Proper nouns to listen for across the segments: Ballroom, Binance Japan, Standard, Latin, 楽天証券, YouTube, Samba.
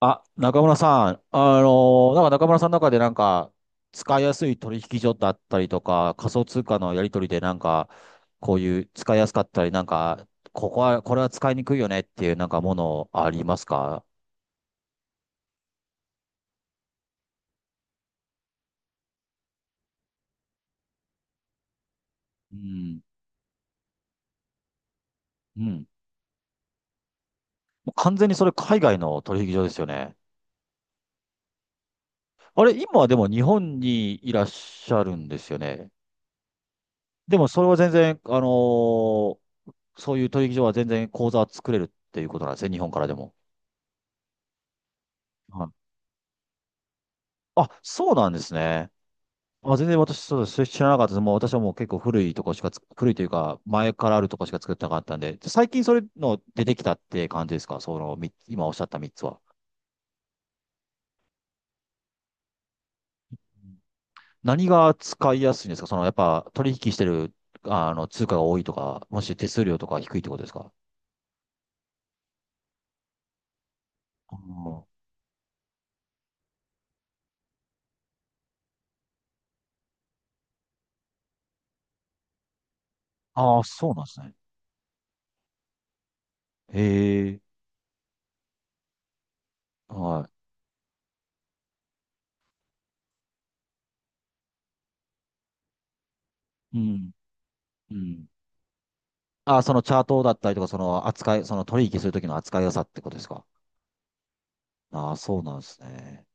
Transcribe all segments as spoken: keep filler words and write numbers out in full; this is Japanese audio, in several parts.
あ、中村さん、あのーなんか中村さんの中でなんか、使いやすい取引所だったりとか、仮想通貨のやり取りでなんか、こういう使いやすかったり、なんか、ここは、これは使いにくいよねっていうなんかものありますか？うん。うん。もう完全にそれ海外の取引所ですよね。あれ、今はでも日本にいらっしゃるんですよね。でもそれは全然、あのーそういう取引所は全然口座は作れるっていうことなんですね、日本からでも。はい。あ、そうなんですね。あ、全然私、そうです。知らなかったです。もう私はもう結構古いとこしかつ、古いというか、前からあるとこしか作ってなかったんで、最近それの出てきたって感じですか？その、み今おっしゃったみっつは。何が使いやすいんですか？その、やっぱ取引してる、あの、通貨が多いとか、もし手数料とか低いってことですか？あー。あー、そうなんですね。へえ。はい。うん。うん。ああ、そのチャートだったりとか、その扱い、その取引するときの扱いやすさってことですか？ああー、そうなんですね。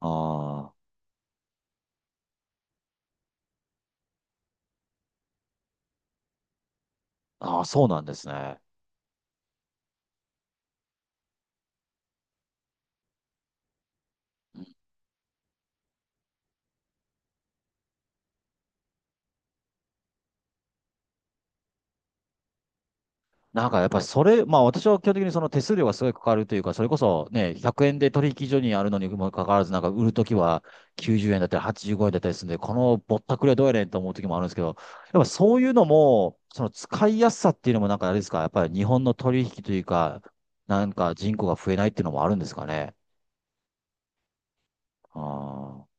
ああ、ああ、そうなんですね。なんかやっぱりそれ、まあ私は基本的にその手数料がすごいかかるというか、それこそね、ひゃくえんで取引所にあるのにもかかわらず、なんか売るときはきゅうじゅうえんだったりはちじゅうごえんだったりするんで、このぼったくりはどうやねんと思うときもあるんですけど、やっぱそういうのも、その使いやすさっていうのもなんかあれですか、やっぱり日本の取引というか、なんか人口が増えないっていうのもあるんですかね。あー。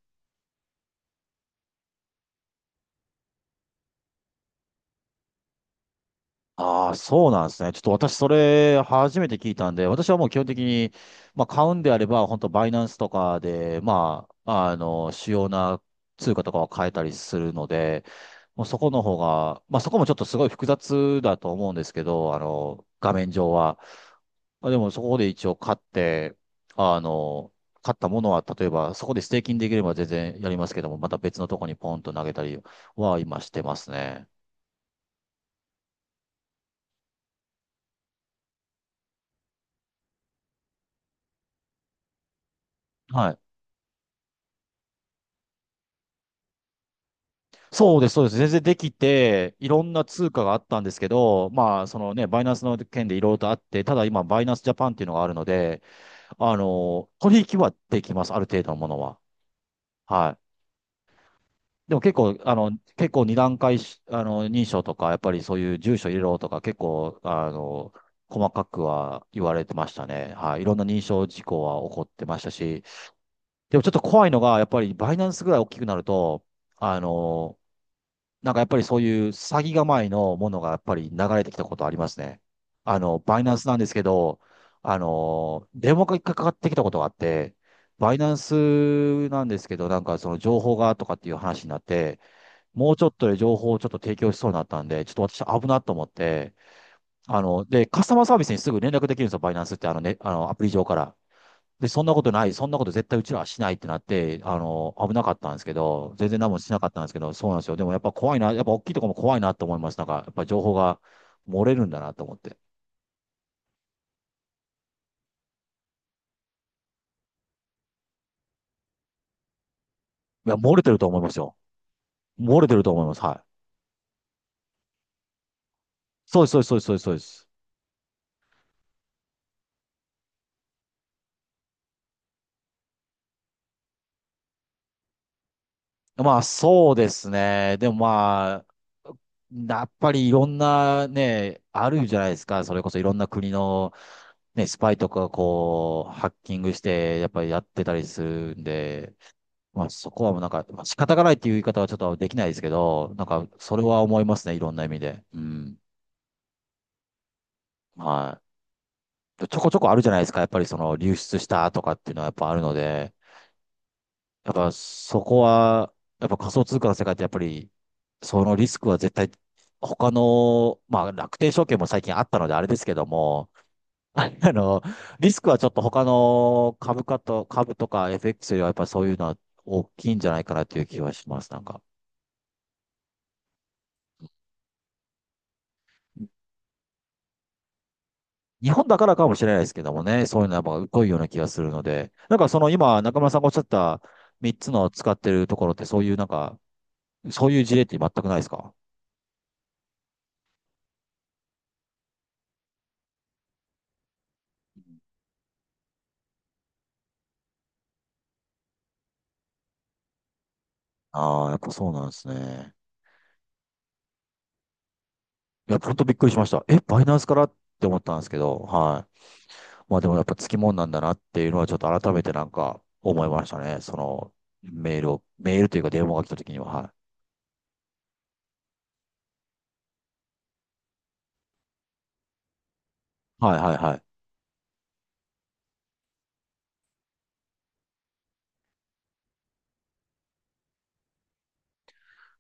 ああ、そうなんですね。ちょっと私、それ、初めて聞いたんで、私はもう基本的に、まあ、買うんであれば、本当バイナンスとかで、まあ、あの、主要な通貨とかを変えたりするので、もうそこの方が、まあ、そこもちょっとすごい複雑だと思うんですけど、あの、画面上は。まあでも、そこで一応買って、あの、買ったものは、例えば、そこでステーキングできれば全然やりますけども、また別のとこにポンと投げたりは今してますね。はい。そうです、そうです。全然できて、いろんな通貨があったんですけど、まあ、そのね、バイナンスの件でいろいろとあって、ただ今、バイナンスジャパンっていうのがあるので、あの、取引はできます、ある程度のものは。はい。でも結構、あの、結構二段階し、あの、認証とか、やっぱりそういう住所入れろとか、結構、あの、細かくは言われてましたね。はい。いろんな認証事項は起こってましたし、でもちょっと怖いのが、やっぱりバイナンスぐらい大きくなると、あの、なんかやっぱりそういう詐欺構えのものがやっぱり流れてきたことありますね。あの、バイナンスなんですけど、あの、電話がかかってきたことがあって、バイナンスなんですけど、なんかその情報がとかっていう話になって、もうちょっとで情報をちょっと提供しそうになったんで、ちょっと私危なと思って、あの、で、カスタマーサービスにすぐ連絡できるんですよ、バイナンスって、あのね、あの、アプリ上から。で、そんなことない、そんなこと絶対うちらはしないってなって、あの、危なかったんですけど、全然何もしなかったんですけど、そうなんですよ。でもやっぱ怖いな、やっぱ大きいとこも怖いなと思います。なんか、やっぱ情報が漏れるんだなと思って。いや、漏れてると思いますよ。漏れてると思います。はい。そうです、そうです、そうです、そうです。そうです。まあ、そうですね。でもまあ、やっぱりいろんなね、あるじゃないですか。それこそいろんな国の、ね、スパイとかがこう、ハッキングして、やっぱりやってたりするんで、まあ、そこはもうなんか、まあ、仕方がないっていう言い方はちょっとできないですけど、なんか、それは思いますね、いろんな意味で。うん。はい。ちょこちょこあるじゃないですか、やっぱりその流出したとかっていうのはやっぱあるので、やっぱそこは、やっぱ仮想通貨の世界ってやっぱり、そのリスクは絶対、他の、まあ、楽天証券も最近あったのであれですけども、あの、リスクはちょっと他の株価と、株とか エフエックス よりはやっぱそういうのは大きいんじゃないかなという気はします、なんか。日本だからかもしれないですけどもね、そういうのはやっぱ濃いような気がするので、なんかその今、中村さんがおっしゃったみっつの使ってるところって、そういうなんか、そういう事例って全くないですか？ああー、やっぱそうなんですね。いや、ほんとびっくりしました。え、バイナンスからって思ったんですけど、はい。まあでもやっぱつきもんなんだなっていうのはちょっと改めてなんか思いましたね。そのメールを、メールというか電話が来た時には、はい。はいはいはい。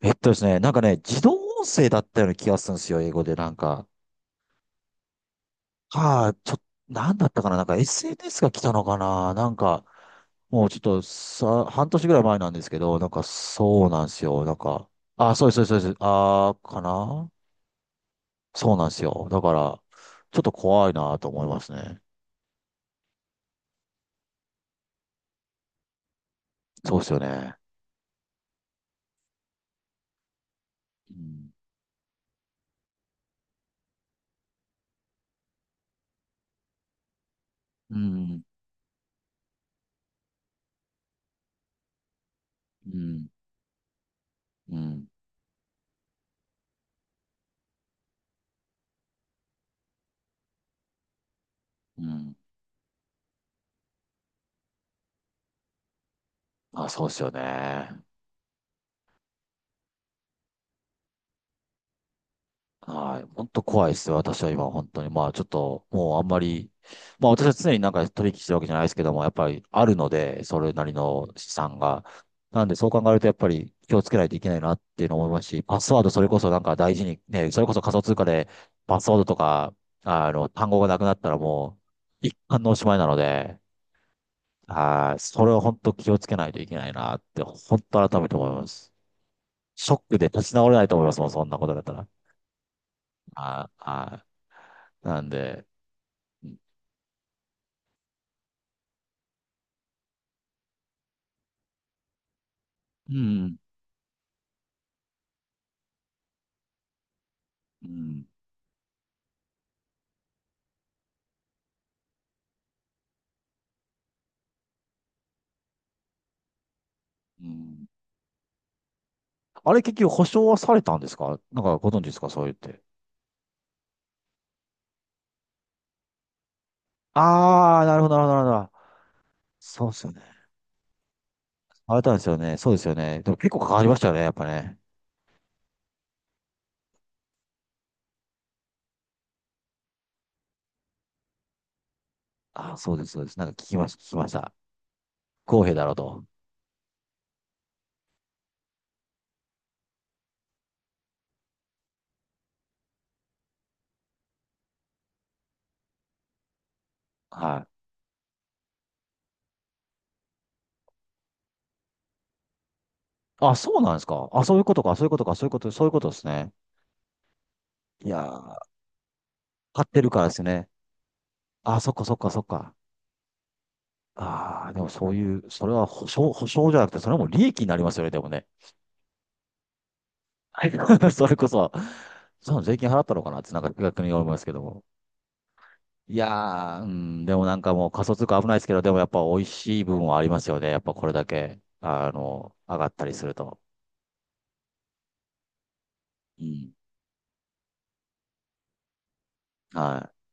えっとですね、なんかね、自動音声だったような気がするんですよ、英語でなんか。か、ちょ、なんだったかな、なんか エスエヌエス が来たのかな、なんか、もうちょっとさ、はんとしぐらい前なんですけど、なんかそうなんですよ。なんか、あ、そうです、そうです、そうです。あー、かな、そうなんですよ。だから、ちょっと怖いなと思いますね。そうですよね。うん、うん、うん、うん、うん。あ、そうですよね。はい。本当怖いですよ。私は今、本当に。まあ、ちょっと、もうあんまり、まあ、私は常になんか取引してるわけじゃないですけども、やっぱりあるので、それなりの資産が。なんで、そう考えると、やっぱり気をつけないといけないなっていうのを思いますし、パスワード、それこそなんか大事に、ね、それこそ仮想通貨で、パスワードとか、あの、単語がなくなったらもう、一貫のおしまいなので、はい。それを本当気をつけないといけないなって、本当改めて思います。ショックで立ち直れないと思いますもん、そんなことだったら。はい。はい。なんで、うん。うん。うん。あれ結局保証はされたんですか？なんかご存知ですか？そう言って。ああ、なるほど、なるほど、なるほど。そうですよね。されたんですよね。そうですよね。でも結構かかりましたよね、やっぱね。ああ、そうです、そうです。なんか聞きました、聞きました。不公平だろうと。はい。あ、そうなんですか。あ、そういうことか、そういうことか、そういうこと、そういうことですね。いやー、買ってるからですね。あ、そっか、そっか、そっか。ああ、でもそういう、それは保証、保証じゃなくて、それはもう利益になりますよね、でもね。はい。 それこそ、その税金払ったのかなってなんか逆に思いますけども。いやー、うん、でもなんかもう仮想通貨危ないですけど、でもやっぱ美味しい部分はありますよね。やっぱこれだけ、あの、上がったりすると。うん。はい。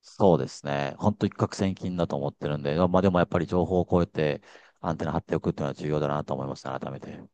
そうですね。本当一攫千金だと思ってるんで、まあでもやっぱり情報を超えてアンテナ張っておくっていうのは重要だなと思いましたね、改めて。